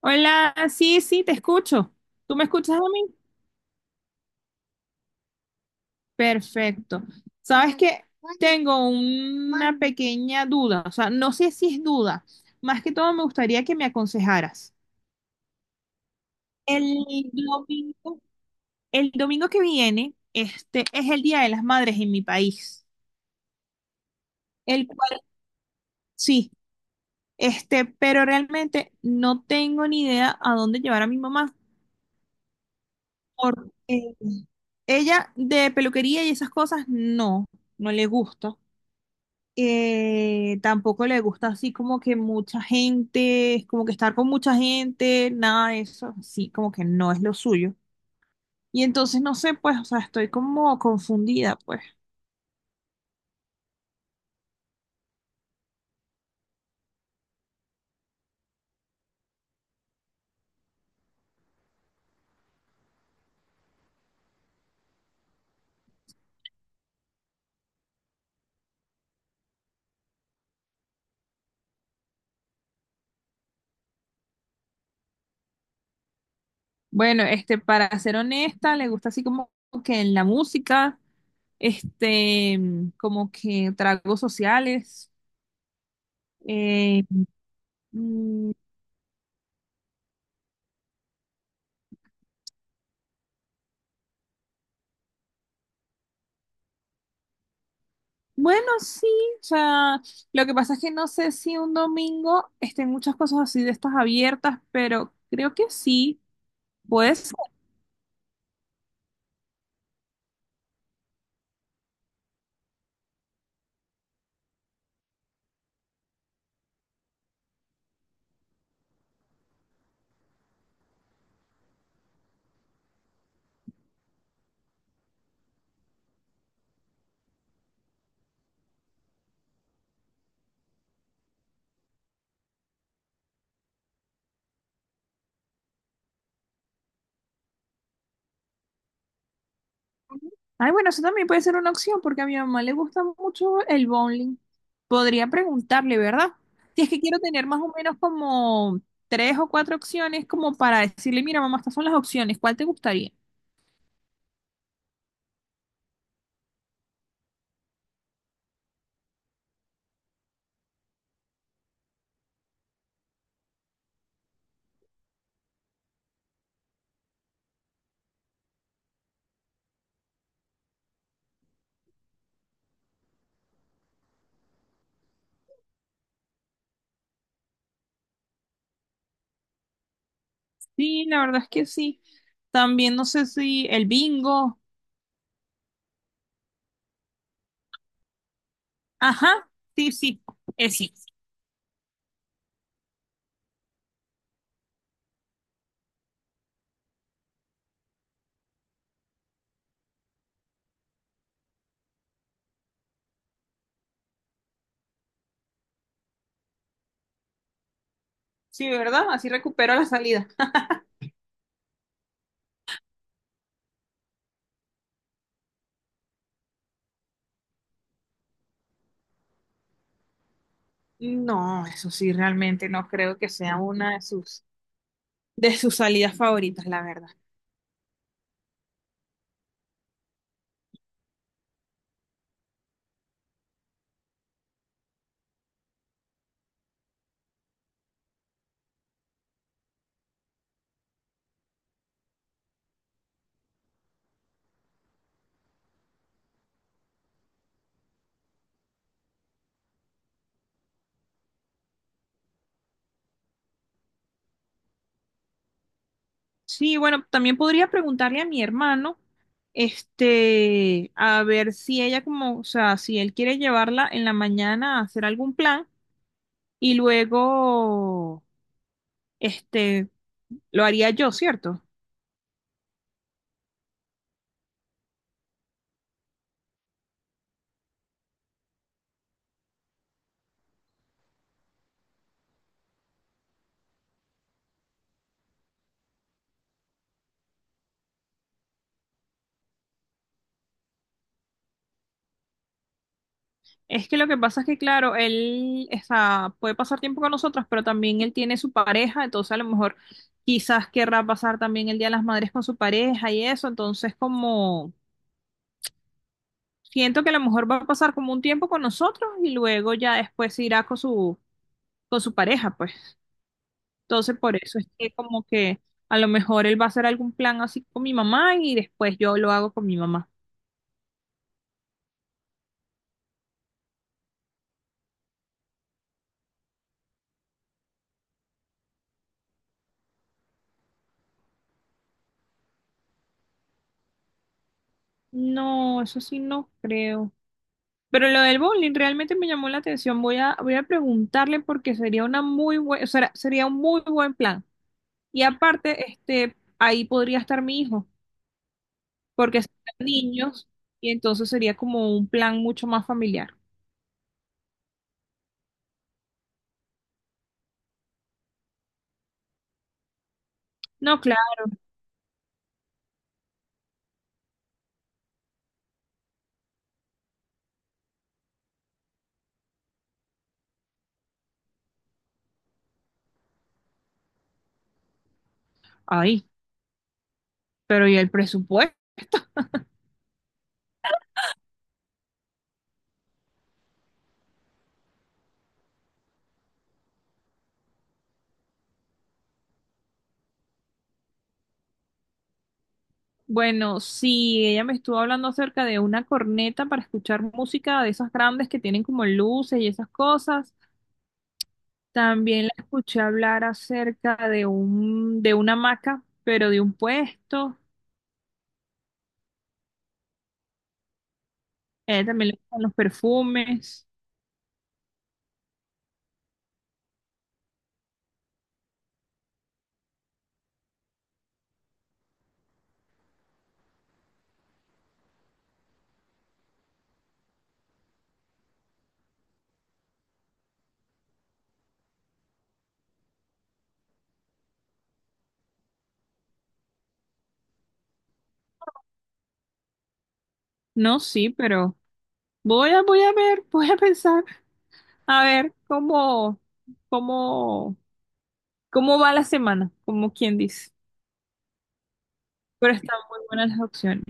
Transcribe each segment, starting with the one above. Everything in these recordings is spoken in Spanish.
Hola, sí, sí, te escucho. ¿Tú me escuchas a mí? Perfecto. Sabes que tengo una pequeña duda, o sea, no sé si es duda. Más que todo me gustaría que me aconsejaras. El domingo, el domingo que viene, este es el Día de las Madres en mi país, el cual sí, pero realmente no tengo ni idea a dónde llevar a mi mamá, porque ella de peluquería y esas cosas no, no le gusta. Tampoco le gusta así como que mucha gente, como que estar con mucha gente, nada de eso, sí, como que no es lo suyo. Y entonces no sé, pues, o sea, estoy como confundida, pues. Bueno, para ser honesta, le gusta así como que en la música, este, como que tragos sociales, eh, mm, bueno, sí, o sea, lo que pasa es que no sé si un domingo estén muchas cosas así de estas abiertas, pero creo que sí. Pues, ay, bueno, eso también puede ser una opción porque a mi mamá le gusta mucho el bowling. Podría preguntarle, ¿verdad? Si es que quiero tener más o menos como tres o cuatro opciones como para decirle, mira, mamá, estas son las opciones, ¿cuál te gustaría? Sí, la verdad es que sí. También no sé si el bingo. Ajá, sí, sí, es sí. Sí, ¿verdad? Así recupero la salida. No, eso sí, realmente no creo que sea una de sus salidas favoritas, la verdad. Sí, bueno, también podría preguntarle a mi hermano, a ver si ella como, o sea, si él quiere llevarla en la mañana a hacer algún plan y luego, este, lo haría yo, ¿cierto? Es que lo que pasa es que, claro, él, o sea, puede pasar tiempo con nosotros, pero también él tiene su pareja, entonces a lo mejor quizás querrá pasar también el Día de las Madres con su pareja y eso, entonces como... Siento que a lo mejor va a pasar como un tiempo con nosotros y luego ya después se irá con su pareja, pues. Entonces, por eso es que como que a lo mejor él va a hacer algún plan así con mi mamá y después yo lo hago con mi mamá. No, eso sí no creo. Pero lo del bowling realmente me llamó la atención. Voy a preguntarle porque sería una muy buen, o sea, sería un muy buen plan. Y aparte, ahí podría estar mi hijo, porque son niños y entonces sería como un plan mucho más familiar. No, claro. Ay, pero ¿y el presupuesto? Bueno, sí, ella me estuvo hablando acerca de una corneta para escuchar música de esas grandes que tienen como luces y esas cosas. También la escuché hablar acerca de de una hamaca, pero de un puesto. A ella también le gustan los perfumes. No, sí, pero voy a ver, voy a pensar, a ver cómo, cómo, cómo va la semana, como quien dice. Pero están muy buenas las opciones.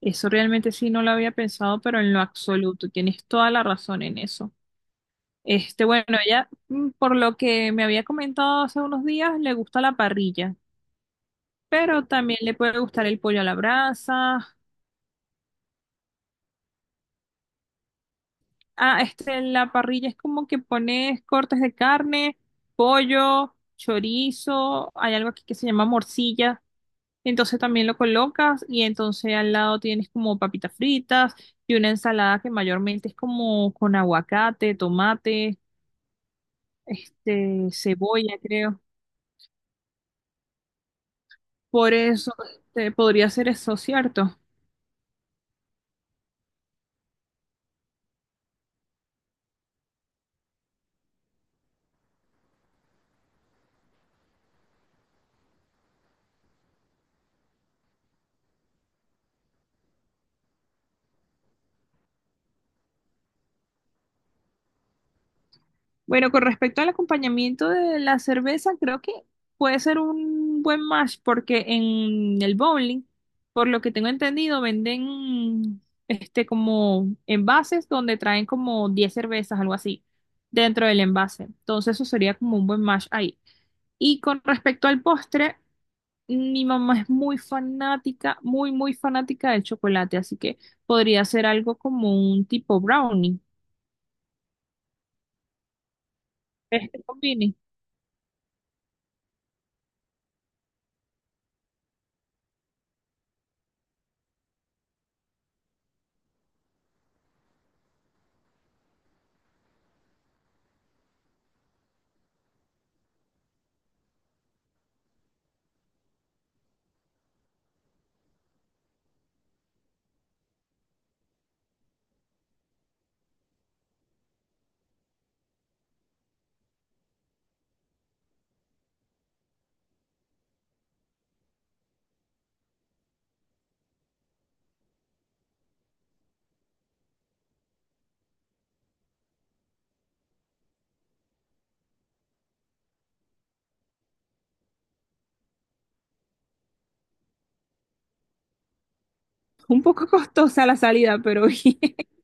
Eso realmente sí no lo había pensado, pero en lo absoluto, tienes toda la razón en eso. Este, bueno, ella, por lo que me había comentado hace unos días, le gusta la parrilla, pero también le puede gustar el pollo a la brasa. Ah, la parrilla es como que pones cortes de carne, pollo, chorizo, hay algo aquí que se llama morcilla, entonces también lo colocas y entonces al lado tienes como papitas fritas y una ensalada que mayormente es como con aguacate, tomate, cebolla, creo. Por eso podría ser eso, ¿cierto? Bueno, con respecto al acompañamiento de la cerveza, creo que puede ser un buen match porque en el bowling, por lo que tengo entendido, venden como envases donde traen como 10 cervezas, algo así, dentro del envase. Entonces eso sería como un buen match ahí. Y con respecto al postre, mi mamá es muy fanática, muy, muy fanática del chocolate, así que podría ser algo como un tipo brownie. Este combine. Un poco costosa la salida, pero bien.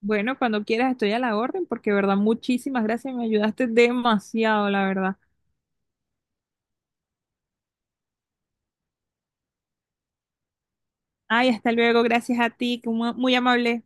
Bueno, cuando quieras estoy a la orden, porque de verdad, muchísimas gracias, me ayudaste demasiado, la verdad. Ay, hasta luego, gracias a ti, que mu- muy amable.